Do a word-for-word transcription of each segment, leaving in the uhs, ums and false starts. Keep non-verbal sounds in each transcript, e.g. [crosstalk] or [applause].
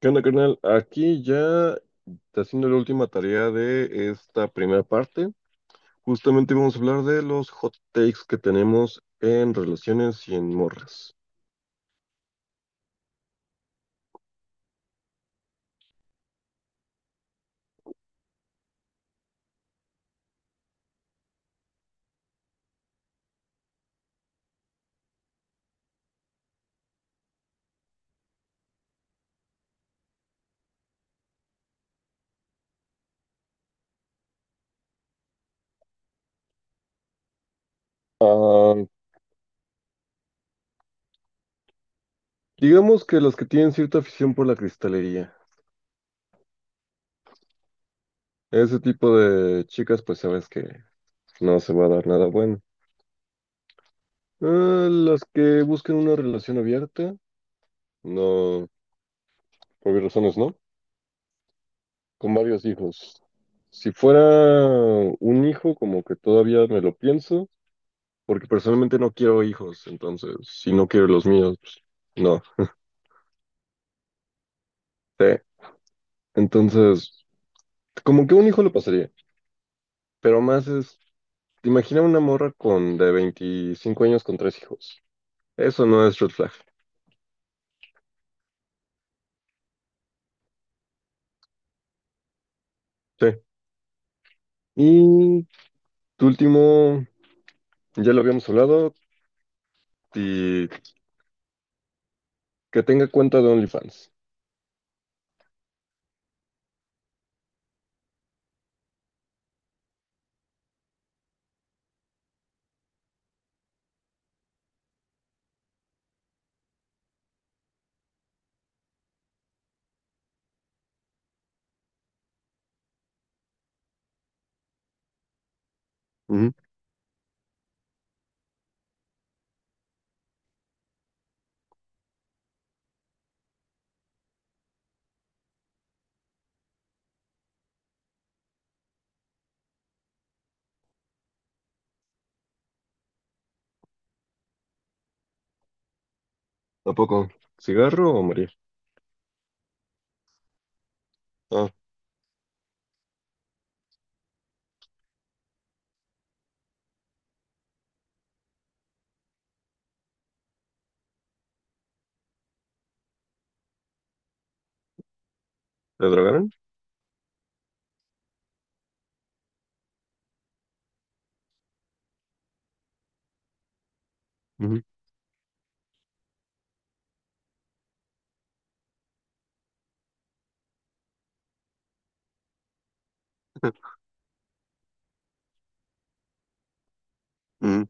¿Qué onda, carnal? Aquí ya está haciendo la última tarea de esta primera parte. Justamente vamos a hablar de los hot takes que tenemos en relaciones y en morras. Ah, digamos que las que tienen cierta afición por la cristalería. Ese tipo de chicas, pues sabes que no se va a dar nada bueno. Eh, las que buscan una relación abierta, no, por obvias razones, ¿no? Con varios hijos. Si fuera un hijo, como que todavía me lo pienso, porque personalmente no quiero hijos, entonces, si no quiero los míos, pues, no, sí. Entonces, como que un hijo lo pasaría, pero más es, imagina una morra con de veinticinco años con tres hijos. Eso no es red flag, sí. Y tu último, ya lo habíamos hablado, y que tenga cuenta de OnlyFans. Ujú. ¿A poco? ¿Cigarro o morir? Ah, ¿le drogaron? Ujú. Ujú.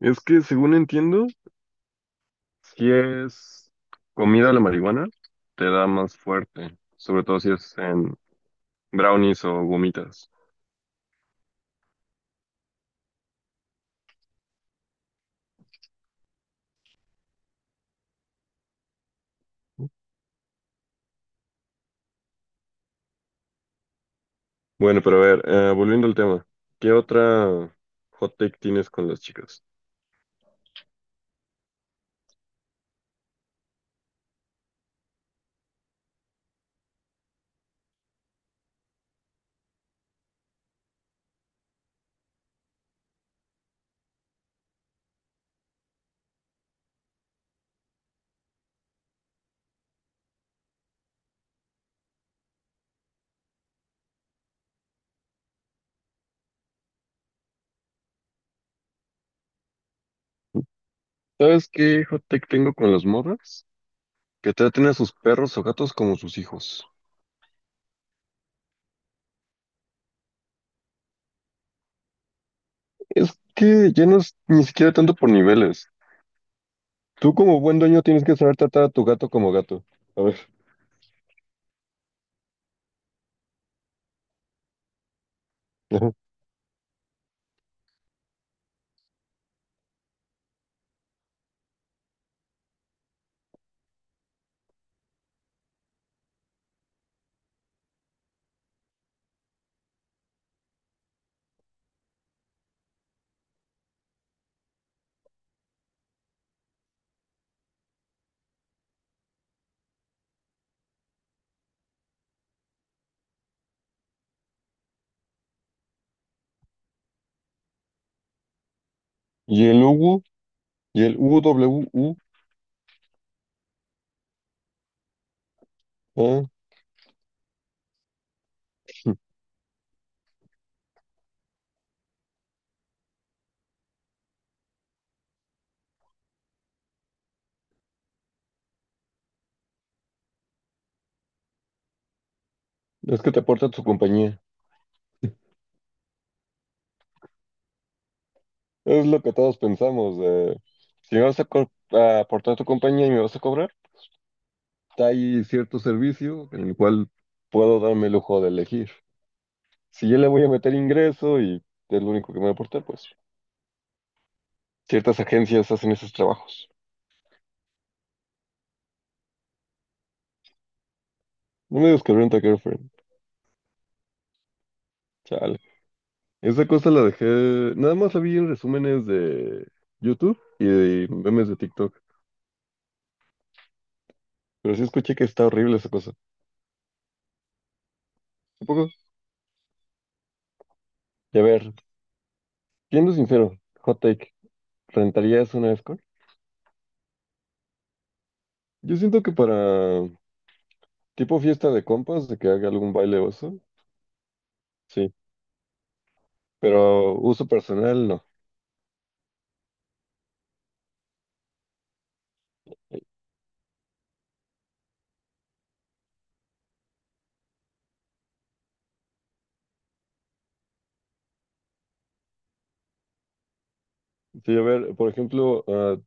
Es que según entiendo, si es comida la marihuana, te da más fuerte, sobre todo si es en brownies o gomitas. Bueno, pero a ver, eh, volviendo al tema, ¿qué otra hot take tienes con las chicas? ¿Sabes qué hot take tengo con las morras? Que traten a sus perros o gatos como sus hijos. Es que ya no es ni siquiera tanto por niveles. Tú como buen dueño tienes que saber tratar a tu gato como gato. A ver. [laughs] Ajá. Y el UWU, y el UWU, ah, es que te aporta tu compañía. Es lo que todos pensamos. eh, si me vas a, co- a aportar tu compañía y me vas a cobrar, hay cierto servicio en el cual puedo darme el lujo de elegir. Si yo le voy a meter ingreso y es lo único que me va a aportar, pues ciertas agencias hacen esos trabajos. No me digas que Rent a Girlfriend. Chale. Esa cosa la dejé, nada más la vi en resúmenes de YouTube y de memes de TikTok, pero sí escuché que está horrible esa cosa. ¿Un poco? Y a ver, siendo sincero, hot take, ¿rentarías una escort? Yo siento que para tipo fiesta de compas, de que haga algún baile oso, sí, pero uso personal no. Sí, a ver, por ejemplo, ah,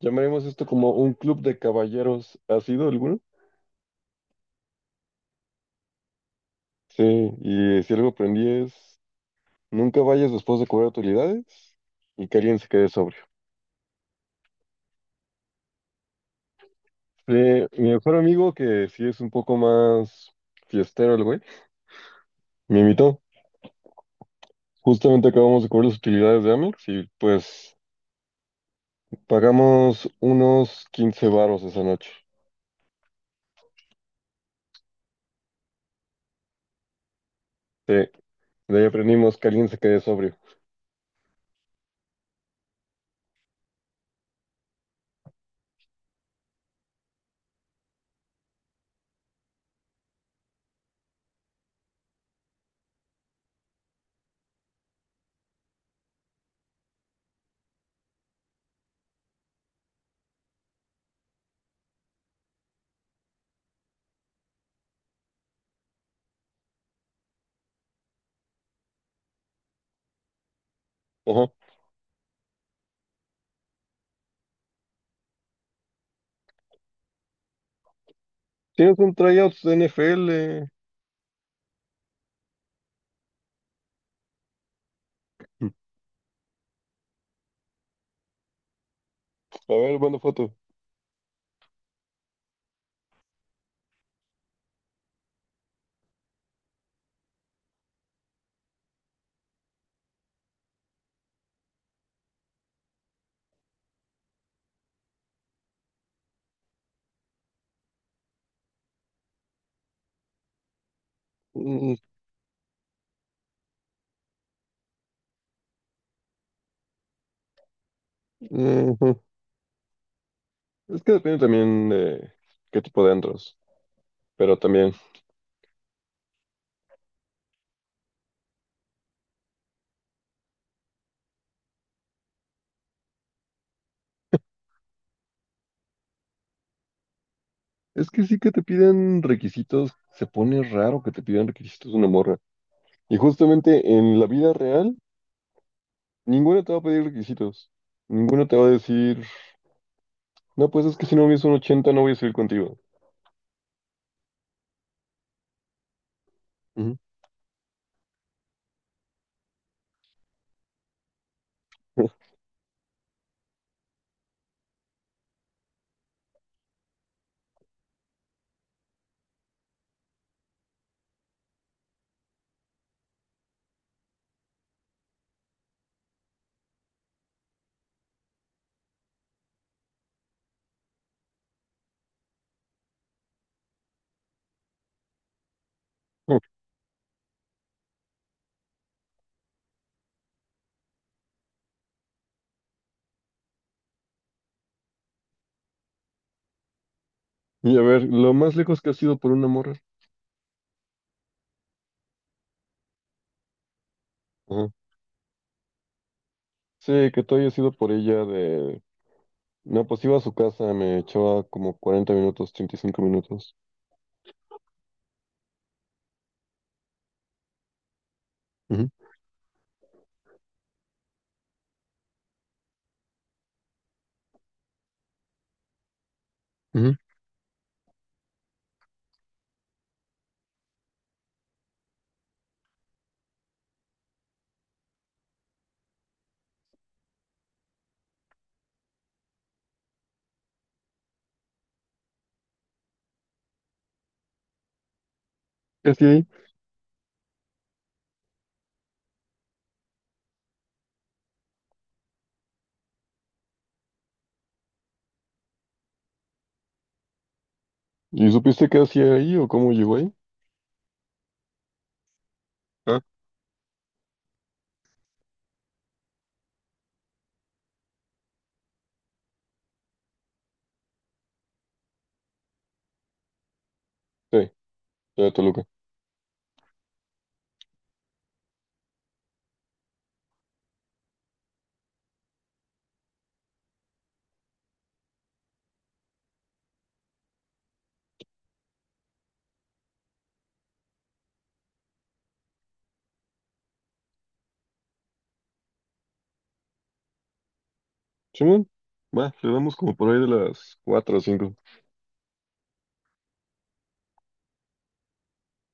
llamaremos esto como un club de caballeros, ¿ha sido alguno? Sí, y si algo aprendí es, nunca vayas después de cobrar utilidades y que alguien se quede sobre. Sí, mi mejor amigo, que sí es un poco más fiestero el güey, me invitó. Justamente acabamos de cubrir las utilidades de Amex y pues pagamos unos quince varos esa noche. Sí, de ahí aprendimos que alguien se quede sobrio. Ajá. ¿Tienes un tryout de N F L? A ver, manda foto. Mm, ujú. Es que depende también de qué tipo de antros, pero también. Es que sí que te piden requisitos, se pone raro que te pidan requisitos de una morra. Y justamente en la vida real, ninguno te va a pedir requisitos. Ninguno te va a decir, no, pues es que si no me hizo un ochenta no voy a salir contigo. Ujú. [laughs] Y a ver, lo más lejos que has ido por una morra. Ajá. Sí, que tú hayas ido por ella de... No, pues iba a su casa, me echaba como cuarenta minutos, treinta y cinco minutos. Ujú, ujú. ¿Qué hacía ahí? ¿Y supiste qué hacía ahí o cómo llegó ahí? Ah, sí, ya de Toluca. Simón, va, le damos como por ahí de las cuatro o cinco